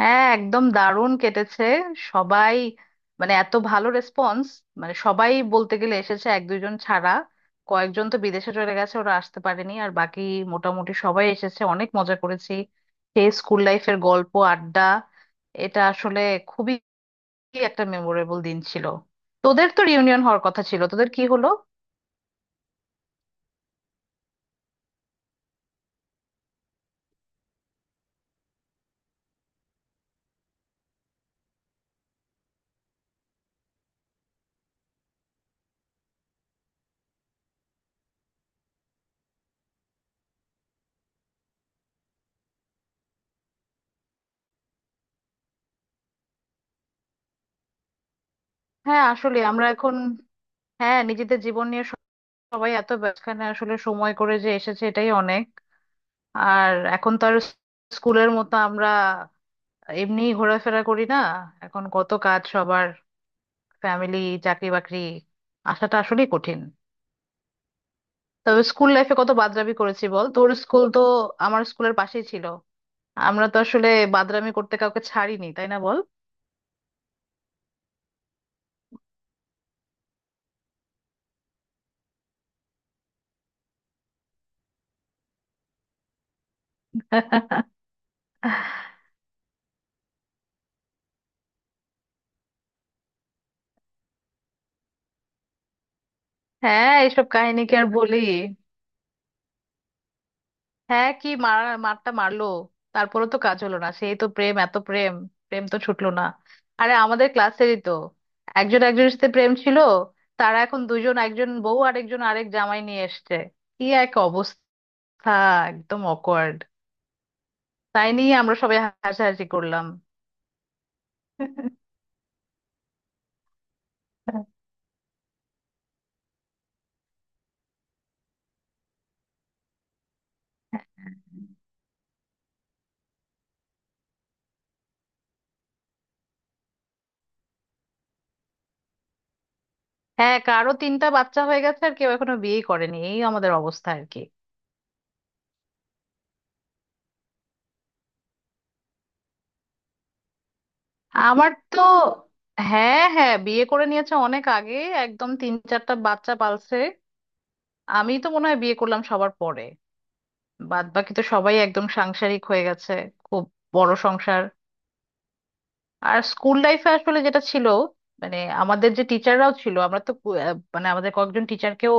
হ্যাঁ, একদম দারুণ কেটেছে। সবাই, মানে এত ভালো রেসপন্স। মানে সবাই বলতে গেলে এসেছে, এক দুজন ছাড়া। কয়েকজন তো বিদেশে চলে গেছে, ওরা আসতে পারেনি, আর বাকি মোটামুটি সবাই এসেছে, অনেক মজা করেছি। সেই স্কুল লাইফের গল্প, আড্ডা। এটা আসলে খুবই একটা মেমোরেবল দিন ছিল। তোদের তো রিউনিয়ন হওয়ার কথা ছিল, তোদের কি হলো? হ্যাঁ, আসলে আমরা এখন, হ্যাঁ, নিজেদের জীবন নিয়ে সবাই এত ব্যস্তখানে আসলে সময় করে যে এসেছে এটাই অনেক। আর এখন তো আর স্কুলের মতো আমরা এমনি ঘোরাফেরা করি না। এখন কত কাজ সবার, ফ্যামিলি, চাকরি বাকরি, আসাটা আসলেই কঠিন। তবে স্কুল লাইফে কত বাদরামি করেছি বল। তোর স্কুল তো আমার স্কুলের পাশেই ছিল। আমরা তো আসলে বাদরামি করতে কাউকে ছাড়িনি, তাই না বল? হ্যাঁ, এইসব কাহিনী কি আর বলি। হ্যাঁ, কি মার, মারটা মারলো। তারপরে তো কাজ হলো না, সেই তো প্রেম, এত প্রেম, প্রেম তো ছুটলো না। আরে আমাদের ক্লাসেরই তো একজন একজনের সাথে প্রেম ছিল, তারা এখন দুজন, একজন বউ আর একজন আরেক জামাই নিয়ে এসছে। কি এক অবস্থা, একদম অকওয়ার্ড। তাই নিয়ে আমরা সবাই হাসাহাসি করলাম। হ্যাঁ, কারো তিনটা বাচ্চা হয়ে গেছে, আর কেউ এখনো বিয়ে করেনি, এই আমাদের অবস্থা আর কি। আমার তো, হ্যাঁ হ্যাঁ, বিয়ে করে নিয়েছে অনেক আগে, একদম তিন চারটা বাচ্চা পালছে। আমি তো মনে হয় বিয়ে করলাম সবার পরে। বাদ বাকি তো সবাই একদম সাংসারিক হয়ে গেছে, খুব বড় সংসার। আর স্কুল লাইফে আসলে যেটা ছিল, মানে আমাদের যে টিচাররাও ছিল, আমরা তো মানে আমাদের কয়েকজন টিচারকেও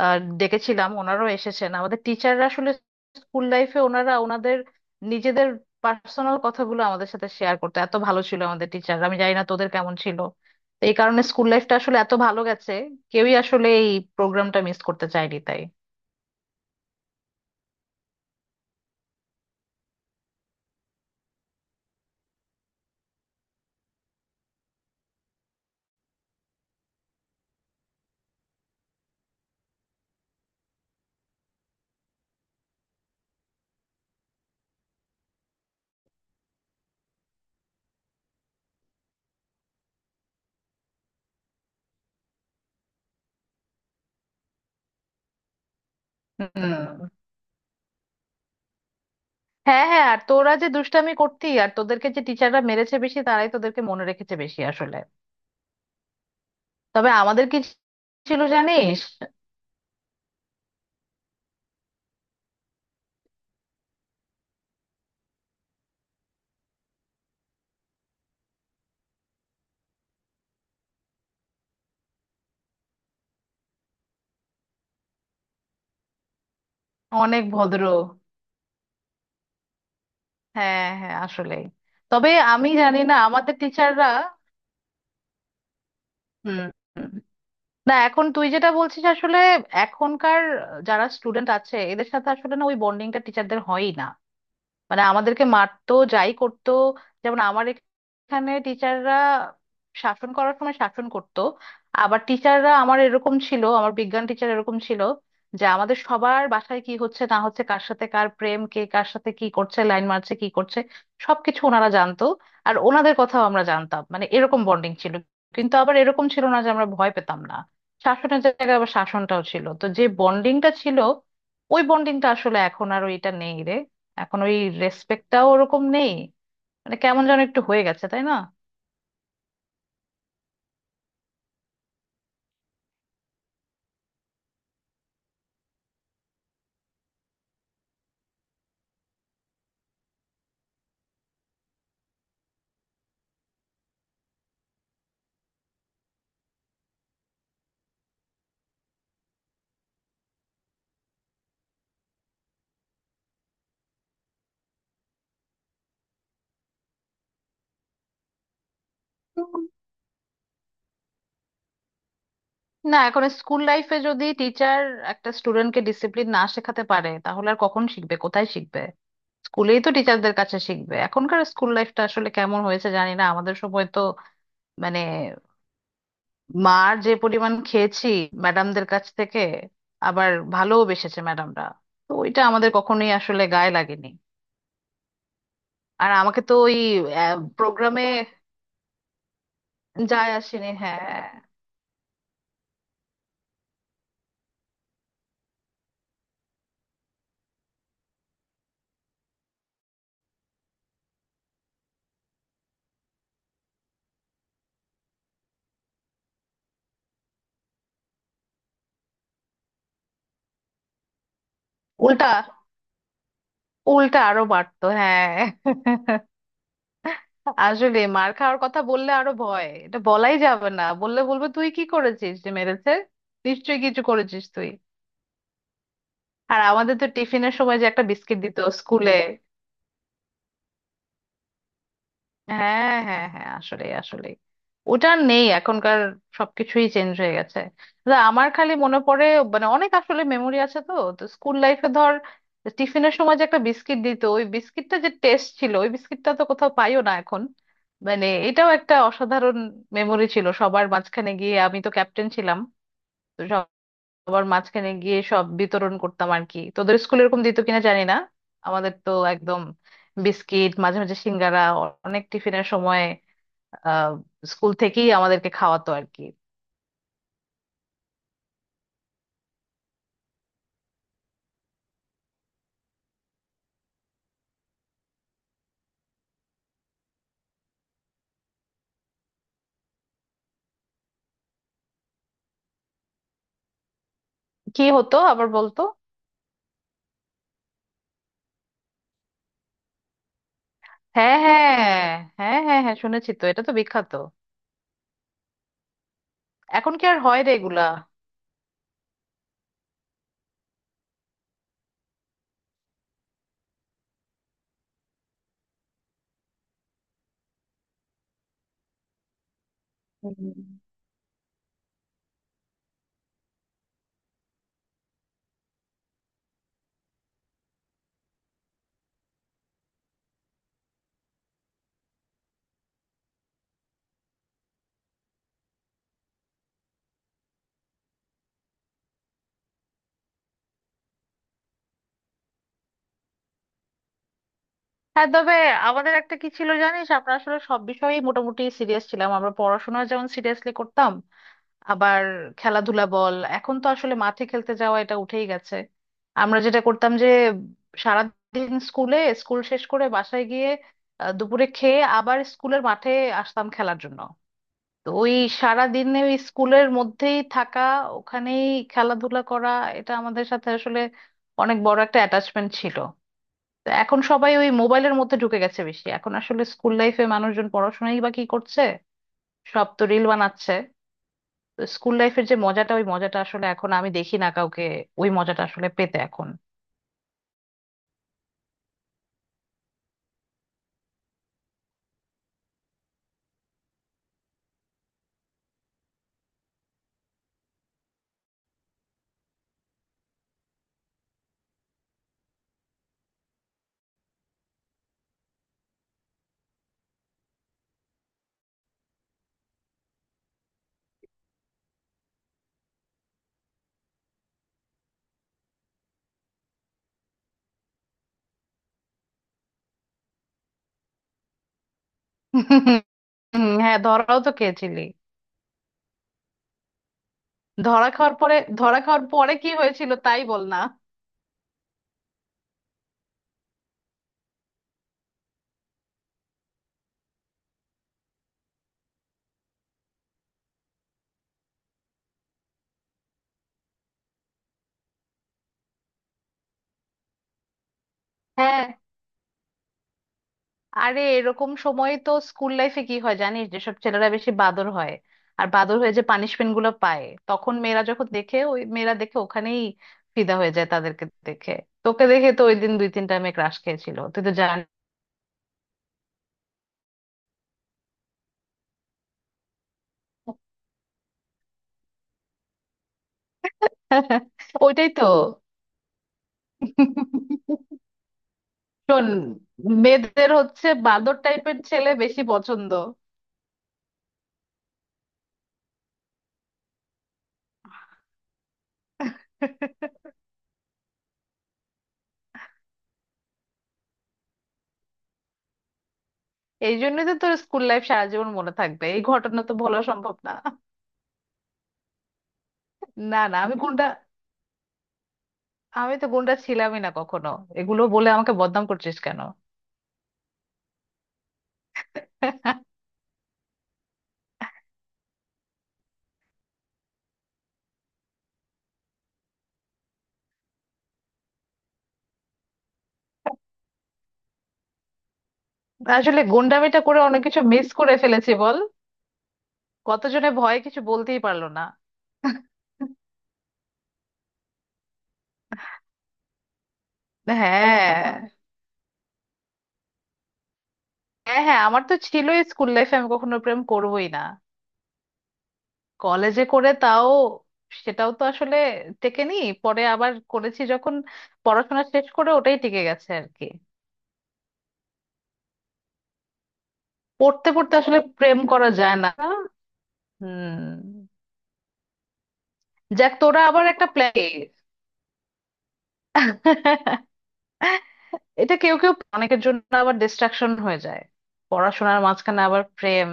ডেকেছিলাম, ওনারাও এসেছেন। আমাদের টিচাররা আসলে স্কুল লাইফে ওনারা ওনাদের নিজেদের পার্সোনাল কথাগুলো আমাদের সাথে শেয়ার করতে, এত ভালো ছিল আমাদের টিচার, আমি জানি না তোদের কেমন ছিল। তো এই কারণে স্কুল লাইফটা আসলে এত ভালো গেছে। কেউই আসলে এই প্রোগ্রামটা মিস করতে চায়নি তাই। হুম। হ্যাঁ হ্যাঁ, আর তোরা যে দুষ্টামি করতি, আর তোদেরকে যে টিচাররা মেরেছে বেশি তারাই তোদেরকে মনে রেখেছে বেশি আসলে। তবে আমাদের কি ছিল জানিস, অনেক ভদ্র। হ্যাঁ হ্যাঁ, আসলে তবে আমি জানি না আমাদের টিচাররা। হুম হুম। না, এখন তুই যেটা বলছিস আসলে এখনকার যারা স্টুডেন্ট আছে এদের সাথে আসলে না, ওই বন্ডিংটা টিচারদের হয়ই না। মানে আমাদেরকে মারতো, যাই করতো, যেমন আমার এখানে টিচাররা শাসন করার সময় শাসন করতো। আবার টিচাররা আমার এরকম ছিল, আমার বিজ্ঞান টিচার এরকম ছিল যে আমাদের সবার বাসায় কি হচ্ছে না হচ্ছে, কার সাথে কার প্রেম, কে কার সাথে কি করছে, লাইন মারছে কি করছে, সবকিছু ওনারা জানতো। আর ওনাদের কথাও আমরা জানতাম, মানে এরকম বন্ডিং ছিল। কিন্তু আবার এরকম ছিল না যে আমরা ভয় পেতাম না, শাসনের জায়গায় আবার শাসনটাও ছিল, তো যে বন্ডিংটা ছিল ওই বন্ডিংটা আসলে এখন আর ওইটা নেই রে। এখন ওই রেসপেক্টটাও ওরকম নেই, মানে কেমন যেন একটু হয়ে গেছে তাই না? তো না, এখন স্কুল লাইফে যদি টিচার একটা স্টুডেন্টকে ডিসিপ্লিন না শেখাতে পারে তাহলে আর কখন শিখবে, কোথায় শিখবে? স্কুলেই তো টিচারদের কাছে শিখবে। এখনকার স্কুল লাইফটা আসলে কেমন হয়েছে জানি না, আমাদের সময় তো মানে মার যে পরিমাণ খেয়েছি ম্যাডামদের কাছ থেকে, আবার ভালোও বেসেছে ম্যাডামরা, তো ওইটা আমাদের কখনোই আসলে গায়ে লাগেনি। আর আমাকে তো ওই প্রোগ্রামে, যায় আসেনি হ্যাঁ। উল্টা, উল্টা আরো বাড়তো হ্যাঁ। আসলে মার খাওয়ার কথা বললে আরো ভয়, এটা বলাই যাবে না, বললে বলবে তুই কি করেছিস যে মেরেছে, নিশ্চয়ই কিছু করেছিস তুই। আর আমাদের তো টিফিনের সময় যে একটা বিস্কিট দিত স্কুলে। হ্যাঁ হ্যাঁ হ্যাঁ, আসলে আসলে ওটা আর নেই এখনকার, সবকিছুই চেঞ্জ হয়ে গেছে। তা আমার খালি মনে পড়ে, মানে অনেক আসলে মেমোরি আছে তো, তো স্কুল লাইফে ধর টিফিনের সময় যে একটা বিস্কিট দিত, ওই বিস্কিটটা যে টেস্ট ছিল, ওই বিস্কিটটা তো কোথাও পাইও না এখন। মানে এটাও একটা অসাধারণ মেমোরি ছিল, সবার মাঝখানে গিয়ে আমি তো ক্যাপ্টেন ছিলাম, আবার মাঝখানে গিয়ে সব বিতরণ করতাম আর কি। তোদের স্কুলে এরকম দিত কিনা জানি না। আমাদের তো একদম বিস্কিট, মাঝে মাঝে সিঙ্গারা, অনেক টিফিনের সময় আহ স্কুল থেকেই আমাদেরকে খাওয়াতো আর কি। কি হতো আবার বলতো? হ্যাঁ হ্যাঁ হ্যাঁ হ্যাঁ হ্যাঁ, শুনেছি তো, এটা তো বিখ্যাত। এখন কি আর হয় রে এগুলা? হুম। হ্যাঁ তবে আমাদের একটা কি ছিল জানিস, আমরা আসলে সব বিষয়েই মোটামুটি সিরিয়াস ছিলাম, আমরা পড়াশোনা যেমন সিরিয়াসলি করতাম, আবার খেলাধুলা বল। এখন তো আসলে মাঠে খেলতে যাওয়া এটা উঠেই গেছে। আমরা যেটা করতাম যে সারাদিন স্কুলে, স্কুল শেষ করে বাসায় গিয়ে দুপুরে খেয়ে আবার স্কুলের মাঠে আসতাম খেলার জন্য। তো ওই সারাদিনে ওই স্কুলের মধ্যেই থাকা, ওখানেই খেলাধুলা করা, এটা আমাদের সাথে আসলে অনেক বড় একটা অ্যাটাচমেন্ট ছিল। তো এখন সবাই ওই মোবাইলের মধ্যে ঢুকে গেছে বেশি। এখন আসলে স্কুল লাইফে মানুষজন পড়াশোনাই বা কি করছে, সব তো রিল বানাচ্ছে। স্কুল লাইফের যে মজাটা, ওই মজাটা আসলে এখন আমি দেখি না কাউকে, ওই মজাটা আসলে পেতে এখন। হুম, হ্যাঁ, ধরাও তো খেয়েছিলি। ধরা খাওয়ার পরে কি হয়েছিল তাই বল না। হ্যাঁ, আরে এরকম সময় তো স্কুল লাইফে কি হয় জানিস, যেসব ছেলেরা বেশি বাদর হয় আর বাদর হয়ে যে পানিশমেন্ট গুলো পায়, তখন মেয়েরা যখন দেখে, ওই মেয়েরা দেখে ওখানেই ফিদা হয়ে যায় তাদেরকে দেখে। তোকে দেখে তো ওই দিন দুই তিনটা মেয়ে ক্রাশ খেয়েছিল, তুই তো জানিস। ওইটাই তো। শোন, মেয়েদের হচ্ছে বাঁদর টাইপের ছেলে বেশি পছন্দ। এই জন্যই তো তোর স্কুল লাইফ সারা জীবন মনে থাকবে, এই ঘটনা তো ভোলা সম্ভব না। না না, আমি গুন্ডা, আমি তো গুন্ডা ছিলামই না কখনো, এগুলো বলে আমাকে বদনাম করছিস কেন? আসলে গুন্ডামিটা করে অনেক কিছু মিস করে ফেলেছি বল। কতজনে ভয়ে কিছু বলতেই পারলো না। হ্যাঁ হ্যাঁ হ্যাঁ, আমার তো ছিল স্কুল লাইফে আমি কখনো প্রেম করবোই না। কলেজে করে, তাও সেটাও তো আসলে টেকেনি, পরে আবার করেছি যখন পড়াশোনা শেষ করে, ওটাই টিকে গেছে আর কি। পড়তে পড়তে আসলে প্রেম করা যায় না। হুম। যাক, তোরা আবার একটা প্ল্যান। এটা কেউ কেউ, অনেকের জন্য আবার ডিস্ট্রাকশন হয়ে যায়, পড়াশোনার মাঝখানে আবার প্রেম।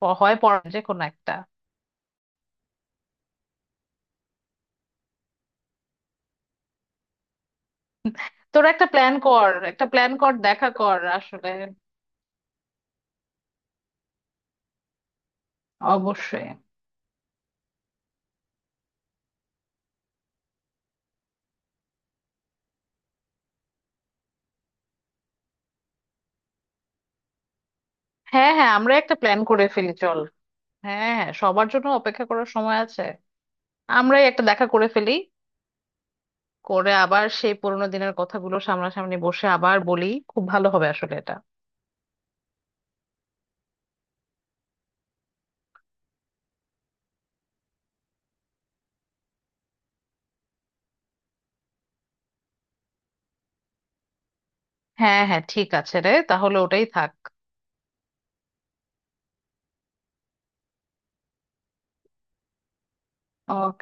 হয় পড়া, যে কোনো একটা। তোরা একটা প্ল্যান কর, একটা প্ল্যান কর, দেখা কর আসলে। অবশ্যই। হ্যাঁ হ্যাঁ, আমরা একটা প্ল্যান করে ফেলি চল। হ্যাঁ হ্যাঁ, সবার জন্য অপেক্ষা করার সময় আছে, আমরাই একটা দেখা করে ফেলি, করে আবার সেই পুরোনো দিনের কথাগুলো সামনাসামনি বসে আবার বলি, খুব ভালো হবে আসলে এটা। হ্যাঁ হ্যাঁ, ঠিক আছে রে, তাহলে ওটাই থাক। ওকে।